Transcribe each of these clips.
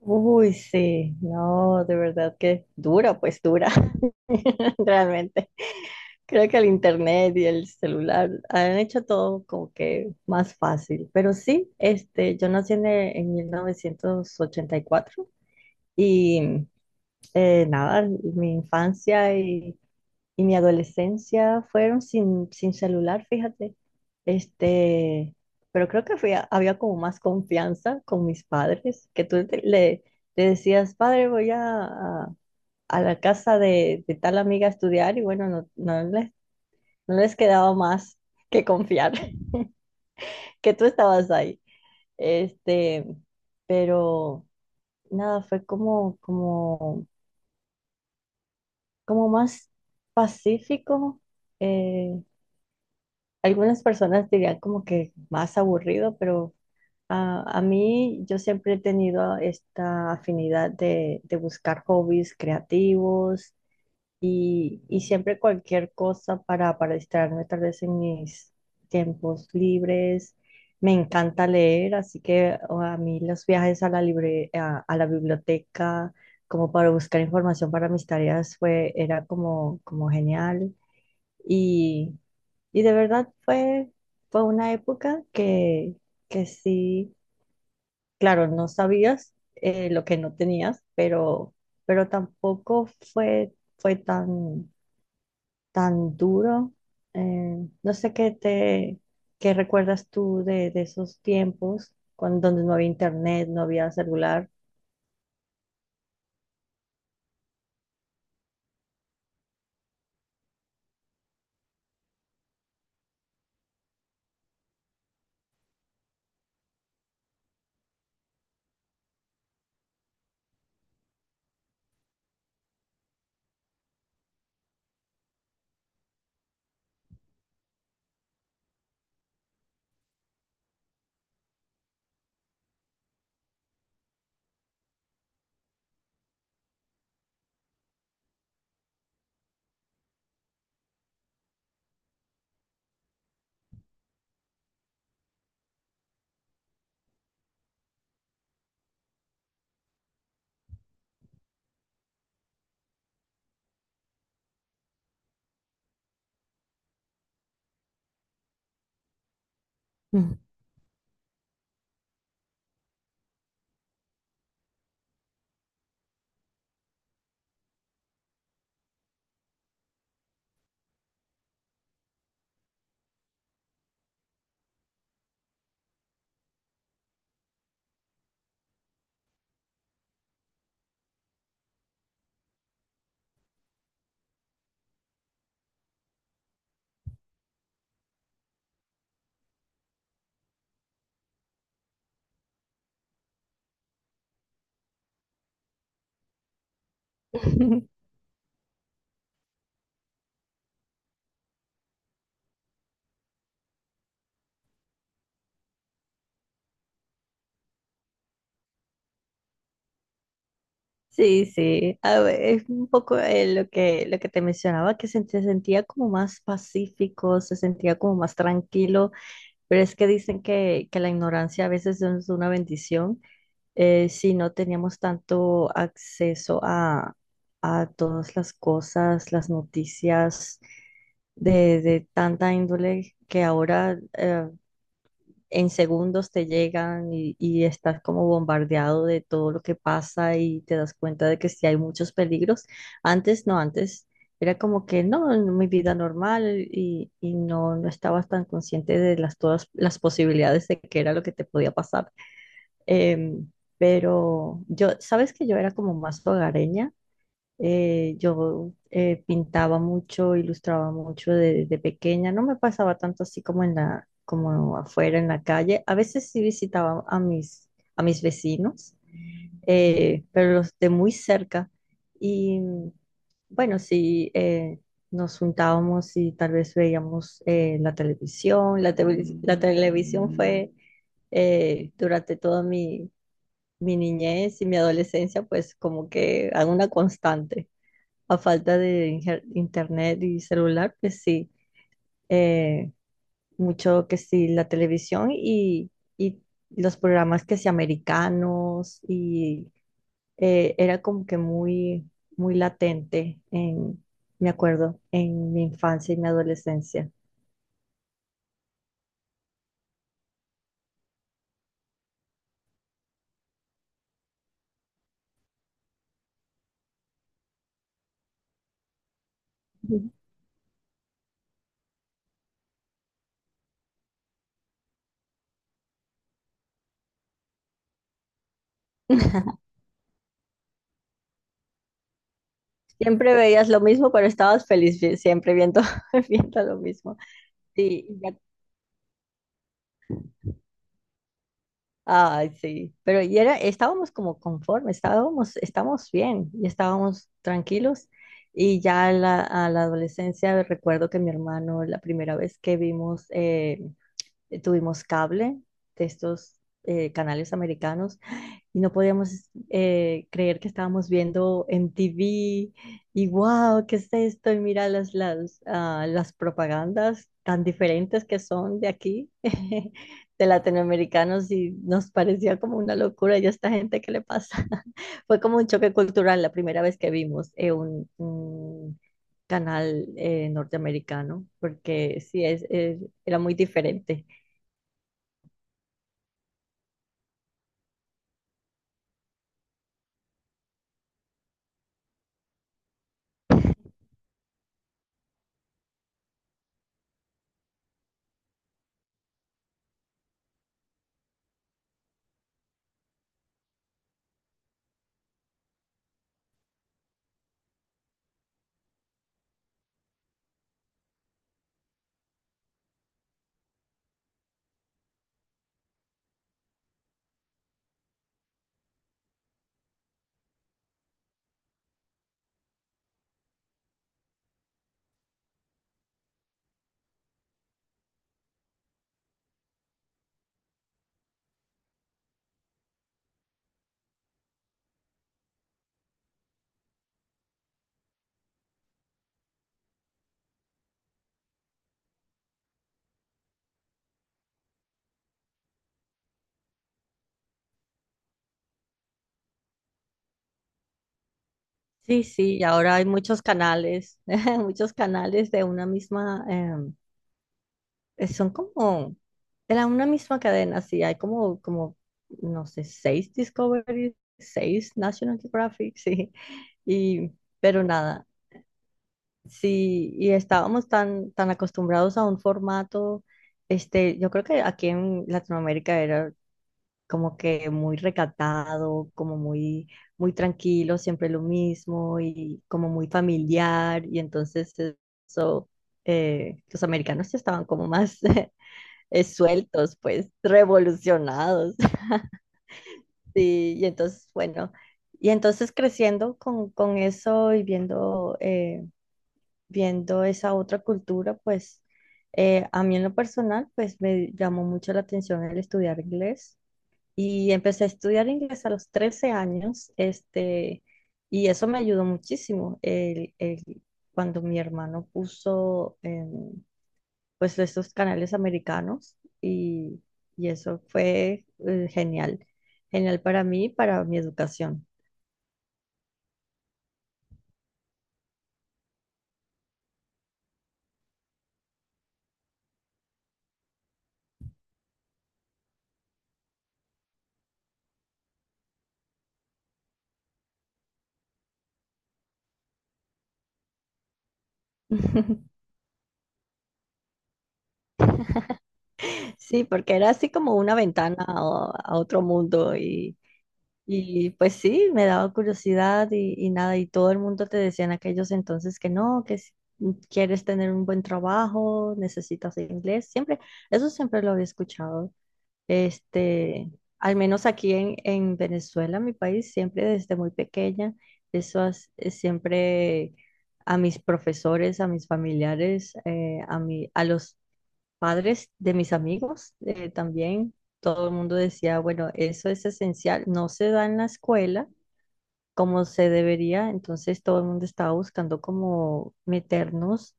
Uy, sí, no, de verdad que dura, pues dura, realmente. Creo que el internet y el celular han hecho todo como que más fácil, pero sí, yo nací en 1984 y cuatro y nada, mi infancia y mi adolescencia fueron sin celular, fíjate. Este, pero creo que había como más confianza con mis padres, que le decías, padre, a- a la casa de tal amiga a estudiar, y bueno, no no les quedaba más que confiar, que tú estabas ahí. Este, pero nada, fue como más pacífico. eh, Algunas personas dirían como que más aburrido, pero a mí yo siempre he tenido esta afinidad de buscar hobbies creativos y siempre cualquier cosa para distraerme tal vez en mis tiempos libres. Me encanta leer, así que o a mí los viajes a a la biblioteca como para buscar información para mis tareas era como genial. Y, y de verdad fue una época que sí, claro, no sabías lo que no tenías, pero tampoco fue tan duro. No sé qué te, ¿Qué recuerdas tú de esos tiempos cuando donde no había internet, no había celular? Mm. Sí, sí, a ver, es un poco lo que te mencionaba, que se sentía como más pacífico, se sentía como más tranquilo, pero es que dicen que la ignorancia a veces no es una bendición. Si no teníamos tanto acceso a todas las cosas, las noticias de tanta índole que ahora en segundos te llegan y estás como bombardeado de todo lo que pasa y te das cuenta de que sí hay muchos peligros. Antes no, antes era como que no, en mi vida normal y no, no estabas tan consciente de las, todas las posibilidades de qué era lo que te podía pasar. Em, pero yo, sabes que yo era como más hogareña. Yo Pintaba mucho, ilustraba mucho desde pequeña. No me pasaba tanto así como en la, como afuera en la calle. A veces sí visitaba a a mis vecinos, pero los de muy cerca. Y bueno, sí, nos juntábamos y tal vez veíamos la televisión. La televisión fue, durante toda mi niñez y mi adolescencia, pues como que alguna constante a falta de internet y celular, pues sí, eh, mucho que sí, la televisión y los programas que sí, americanos, y era como que muy latente en, me acuerdo, en mi infancia y mi adolescencia. Ujú. Siempre veías lo mismo, pero estabas feliz siempre viendo, viendo lo mismo. Sí, y ya. Ay, sí, pero y era, estábamos como conformes, estábamos, estábamos bien y estábamos tranquilos. Y ya a a la adolescencia recuerdo que mi hermano, la primera vez que vimos, tuvimos cable de estos canales americanos y no podíamos creer que estábamos viendo MTV y wow, ¿qué es esto? Y mira las propagandas tan diferentes que son de aquí, de latinoamericanos, y nos parecía como una locura. Y a esta gente, ¿qué le pasa? Fue como un choque cultural la primera vez que vimos un canal norteamericano, porque sí, era muy diferente. Sí, sí, y ahora hay muchos canales, muchos canales de una misma, son como de la una misma cadena, sí, hay no sé, seis Discovery, seis National Geographic, sí, y, pero nada, sí, y estábamos tan acostumbrados a un formato. Yo creo que aquí en Latinoamérica era como que muy recatado, como muy tranquilo, siempre lo mismo y como muy familiar. Y entonces eso, los americanos ya estaban como más sueltos, pues revolucionados. Sí, y entonces, bueno, y entonces creciendo con eso y viendo, viendo esa otra cultura, pues a mí en lo personal, pues me llamó mucho la atención el estudiar inglés, y empecé a estudiar inglés a los 13 años. Y eso me ayudó muchísimo. Cuando mi hermano puso pues estos canales americanos y eso fue genial, genial para mí, para mi educación. Sí, porque era así como una ventana a otro mundo. Y pues sí, me daba curiosidad y nada, y todo el mundo te decía en aquellos entonces que no, que si quieres tener un buen trabajo, necesitas inglés, siempre. Eso siempre lo había escuchado. Este, Al menos aquí en Venezuela, mi país, siempre desde muy pequeña, siempre a mis profesores, a mis familiares, a los padres de mis amigos también, todo el mundo decía, bueno, eso es esencial, no se da en la escuela como se debería, entonces todo el mundo estaba buscando como meternos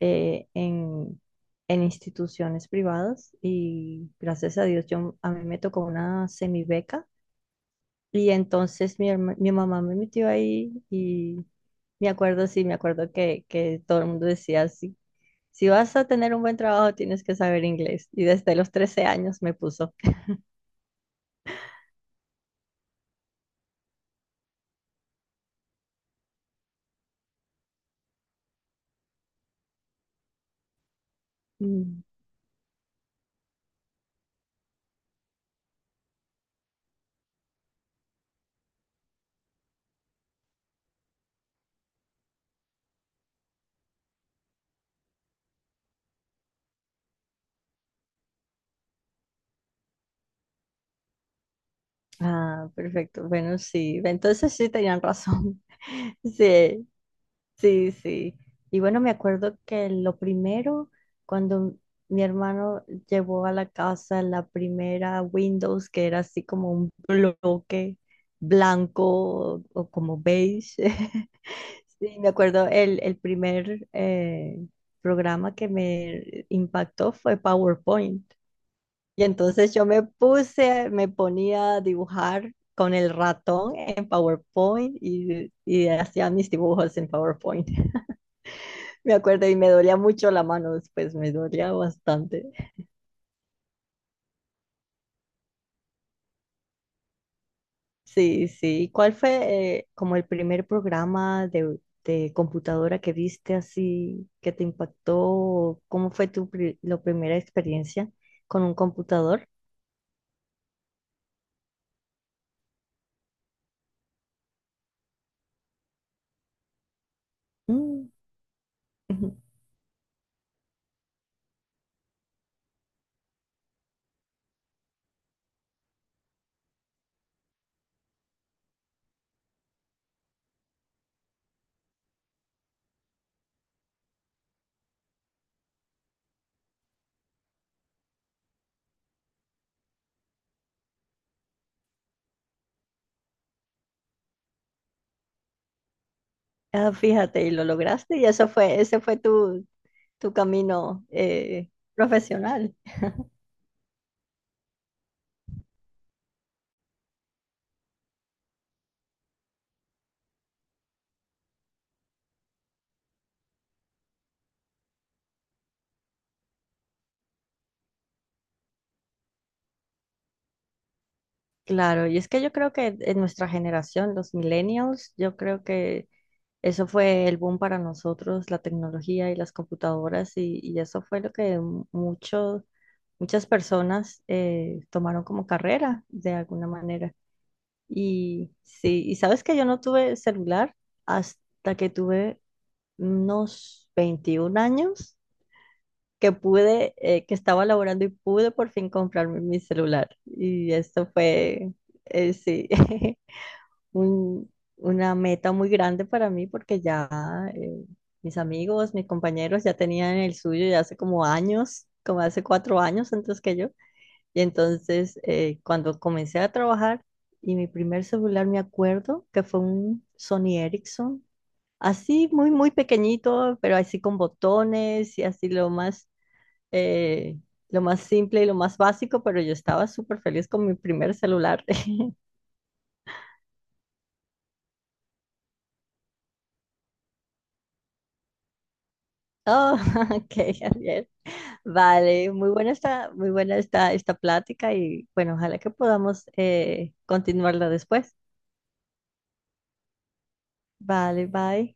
eh, en, en instituciones privadas, y gracias a Dios yo, a mí me tocó una semibeca, y entonces mi mamá me metió ahí y... Me acuerdo, sí, me acuerdo que todo el mundo decía así, si vas a tener un buen trabajo, tienes que saber inglés. Y desde los 13 años me puso. Mm. Ah, perfecto. Bueno, sí. Entonces sí tenían razón. Sí, sí, sí. Y bueno, me acuerdo que lo primero, cuando mi hermano llevó a la casa la primera Windows, que era así como un bloque blanco o como beige, sí, me acuerdo, el primer programa que me impactó fue PowerPoint. Y entonces me ponía a dibujar con el ratón en PowerPoint y hacía mis dibujos en PowerPoint. Me acuerdo y me dolía mucho la mano después, me dolía bastante. Sí, sí. ¿Cuál fue como el primer programa de computadora que viste así, que te impactó? ¿Cómo fue la primera experiencia con un computador? Mm. Ujú. Ah, fíjate, y lo lograste y ese fue tu camino profesional. Claro, y es que yo creo que en nuestra generación, los millennials, yo creo que eso fue el boom para nosotros, la tecnología y las computadoras, y eso fue lo que muchos, muchas personas tomaron como carrera de alguna manera. Y sí, y sabes que yo no tuve celular hasta que tuve unos 21 años, que pude, que estaba laborando y pude por fin comprarme mi celular. Y esto fue, sí. un- una meta muy grande para mí, porque ya eh, mis amigos, mis compañeros ya tenían el suyo ya hace como años, como hace 4 años antes que yo. Y entonces cuando comencé a trabajar, mi primer celular me acuerdo que fue un Sony Ericsson, así muy, muy pequeñito, pero así con botones y así lo más... eh, Lo más simple y lo más básico, pero yo estaba súper feliz con mi primer celular. Oh, ok, Javier. Vale, muy buena esta, esta plática, y bueno, ojalá que podamos continuarla después. Vale, bye.